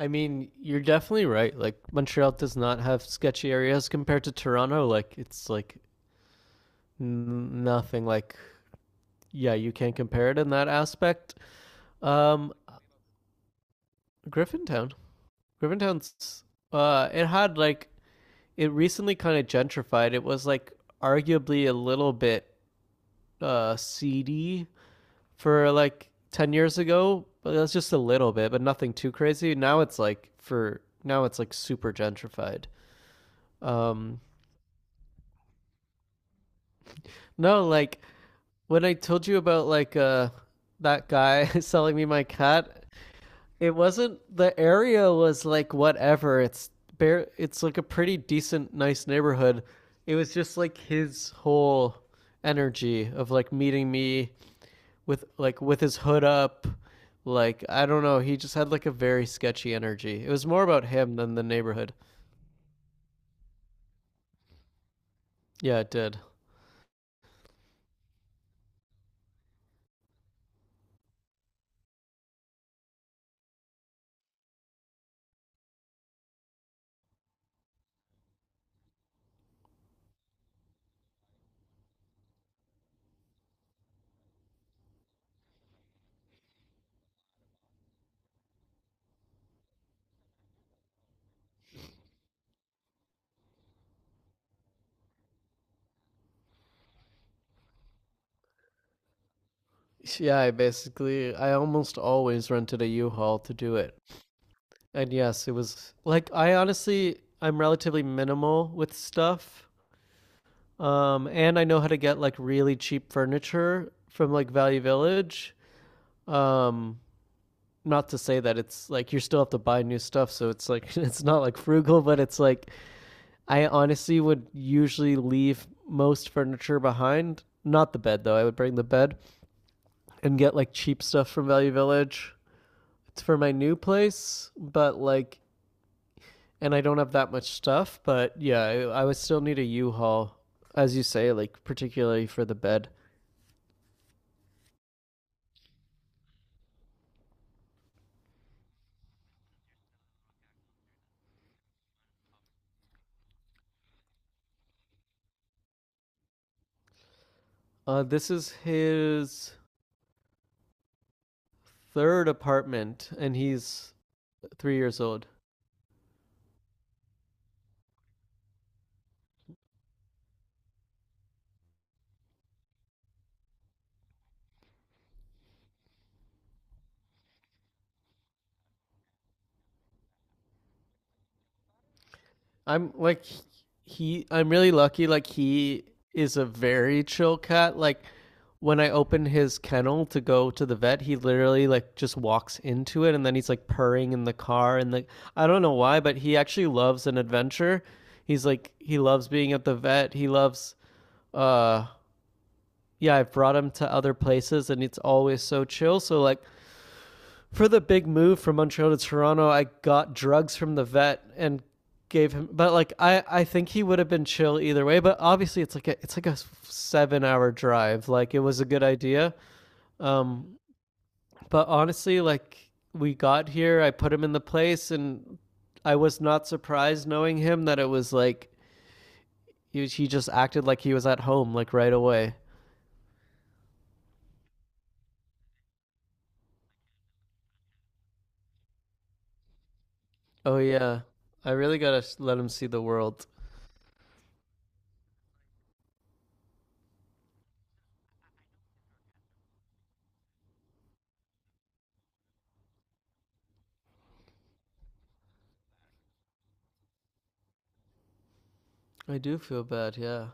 I mean, you're definitely right. Like Montreal does not have sketchy areas compared to Toronto. Like it's like nothing. Like yeah, you can't compare it in that aspect. Um, Griffintown. Griffintown's it had like it recently kind of gentrified. It was like arguably a little bit seedy for like 10 years ago, but that's just a little bit, but nothing too crazy. Now it's like for now it's like super gentrified. Um, no, like when I told you about like that guy selling me my cat, it wasn't the area was like whatever. It's bare it's like a pretty decent nice neighborhood. It was just like his whole energy of like meeting me with like with his hood up. Like I don't know, he just had like a very sketchy energy. It was more about him than the neighborhood. Yeah, it did. Yeah, I basically I almost always rented a U-Haul to do it. And yes, it was like I honestly I'm relatively minimal with stuff. And I know how to get like really cheap furniture from like Value Village. Um Not to say that it's like you still have to buy new stuff, so it's like it's not like frugal, but it's like I honestly would usually leave most furniture behind. Not the bed though. I would bring the bed and get like cheap stuff from Value Village. It's for my new place, but like and I don't have that much stuff, but yeah, I would still need a U-Haul, as you say, like particularly for the bed. This is his third apartment, and he's 3 years old. I'm like he I'm really lucky like he is a very chill cat. Like when I open his kennel to go to the vet, he literally like just walks into it and then he's like purring in the car and like I don't know why, but he actually loves an adventure. He's like he loves being at the vet. He loves uh yeah, I've brought him to other places and it's always so chill. So like for the big move from Montreal to Toronto, I got drugs from the vet and gave him. But like, I think he would have been chill either way. But obviously, it's like a 7 hour drive. Like it was a good idea. Um, but honestly, like we got here, I put him in the place, and I was not surprised knowing him that it was like he just acted like he was at home like right away. Oh yeah, I really gotta let him see the world. I do feel bad. Yeah.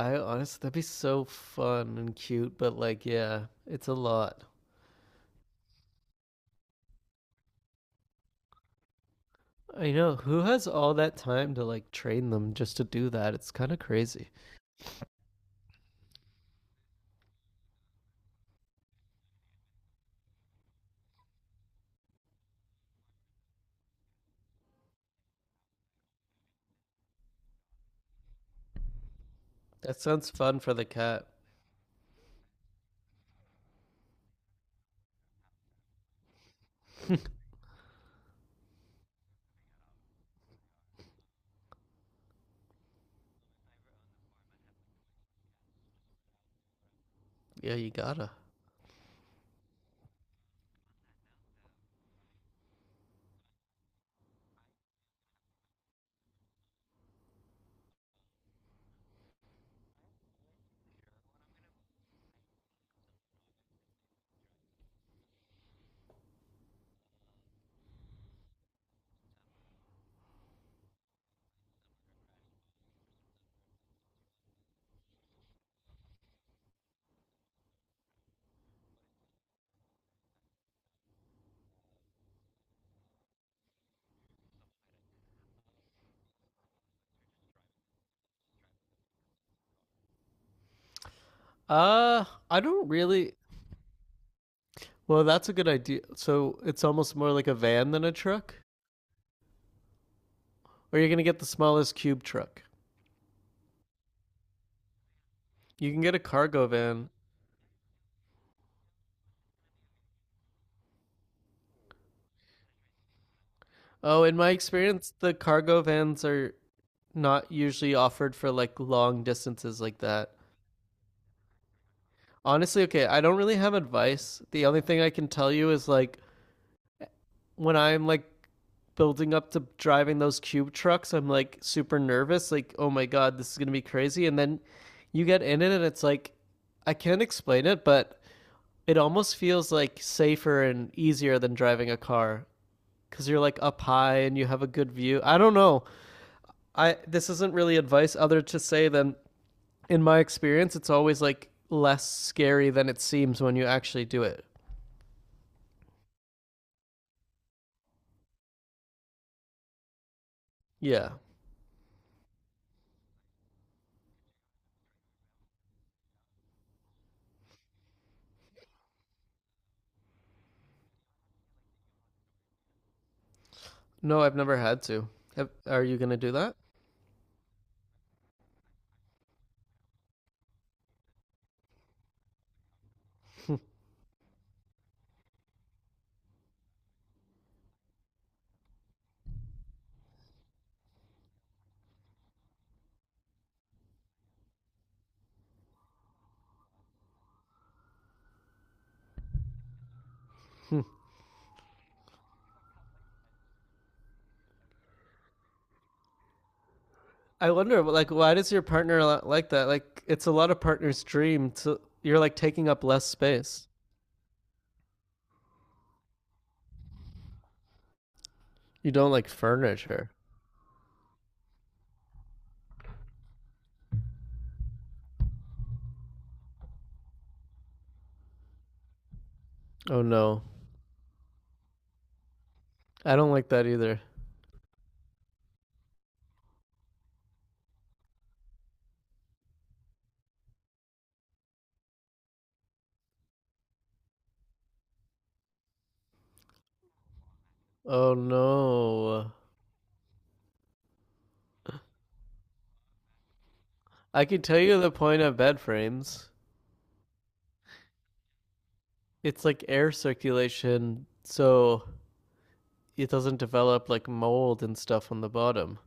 I honestly, that'd be so fun and cute, but like, yeah, it's a lot. I know. Who has all that time to like train them just to do that? It's kind of crazy. That sounds fun for the cat. Yeah, you gotta. I don't really. Well, that's a good idea. So it's almost more like a van than a truck? Or you're gonna get the smallest cube truck. You can get a cargo van. Oh, in my experience, the cargo vans are not usually offered for like long distances like that. Honestly, okay, I don't really have advice. The only thing I can tell you is like when I'm like building up to driving those cube trucks, I'm like super nervous, like, oh my god, this is gonna be crazy. And then you get in it and it's like I can't explain it, but it almost feels like safer and easier than driving a car because you're like up high and you have a good view. I don't know. I this isn't really advice other to say than in my experience, it's always like less scary than it seems when you actually do it. Yeah. No, I've never had to. Have- Are you gonna do that? Hmm. I wonder, like, why does your partner like that? Like, it's a lot of partners' dream to. You're like taking up less space. You don't like furniture. Oh no, I don't like that either. Oh no, I can tell you the point of bed frames. It's like air circulation, so it doesn't develop like mold and stuff on the bottom.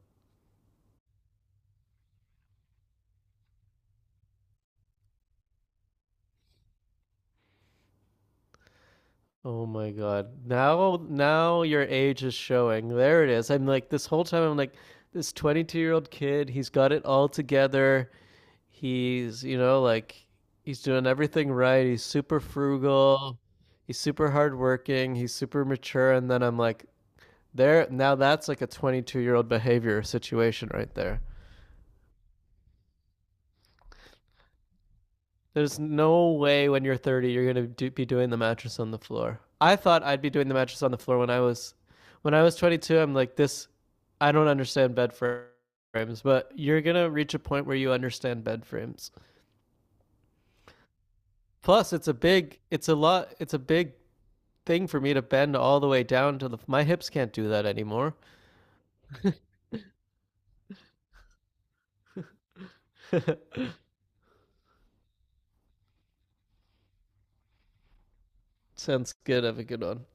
Oh my God. Now your age is showing. There it is. I'm like, this whole time, I'm like, this 22-year-old kid, he's got it all together. He's, you know, like, he's doing everything right. He's super frugal. He's super hardworking. He's super mature. And then I'm like, there, now that's like a 22-year-old behavior situation right there. There's no way when you're 30 you're gonna do, be doing the mattress on the floor. I thought I'd be doing the mattress on the floor when I was 22. I'm like this. I don't understand bed frames, but you're gonna reach a point where you understand bed frames. Plus, it's a big, it's a lot, it's a big thing for me to bend all the way down to the. My hips can't do that anymore. Sounds good. Have a good one.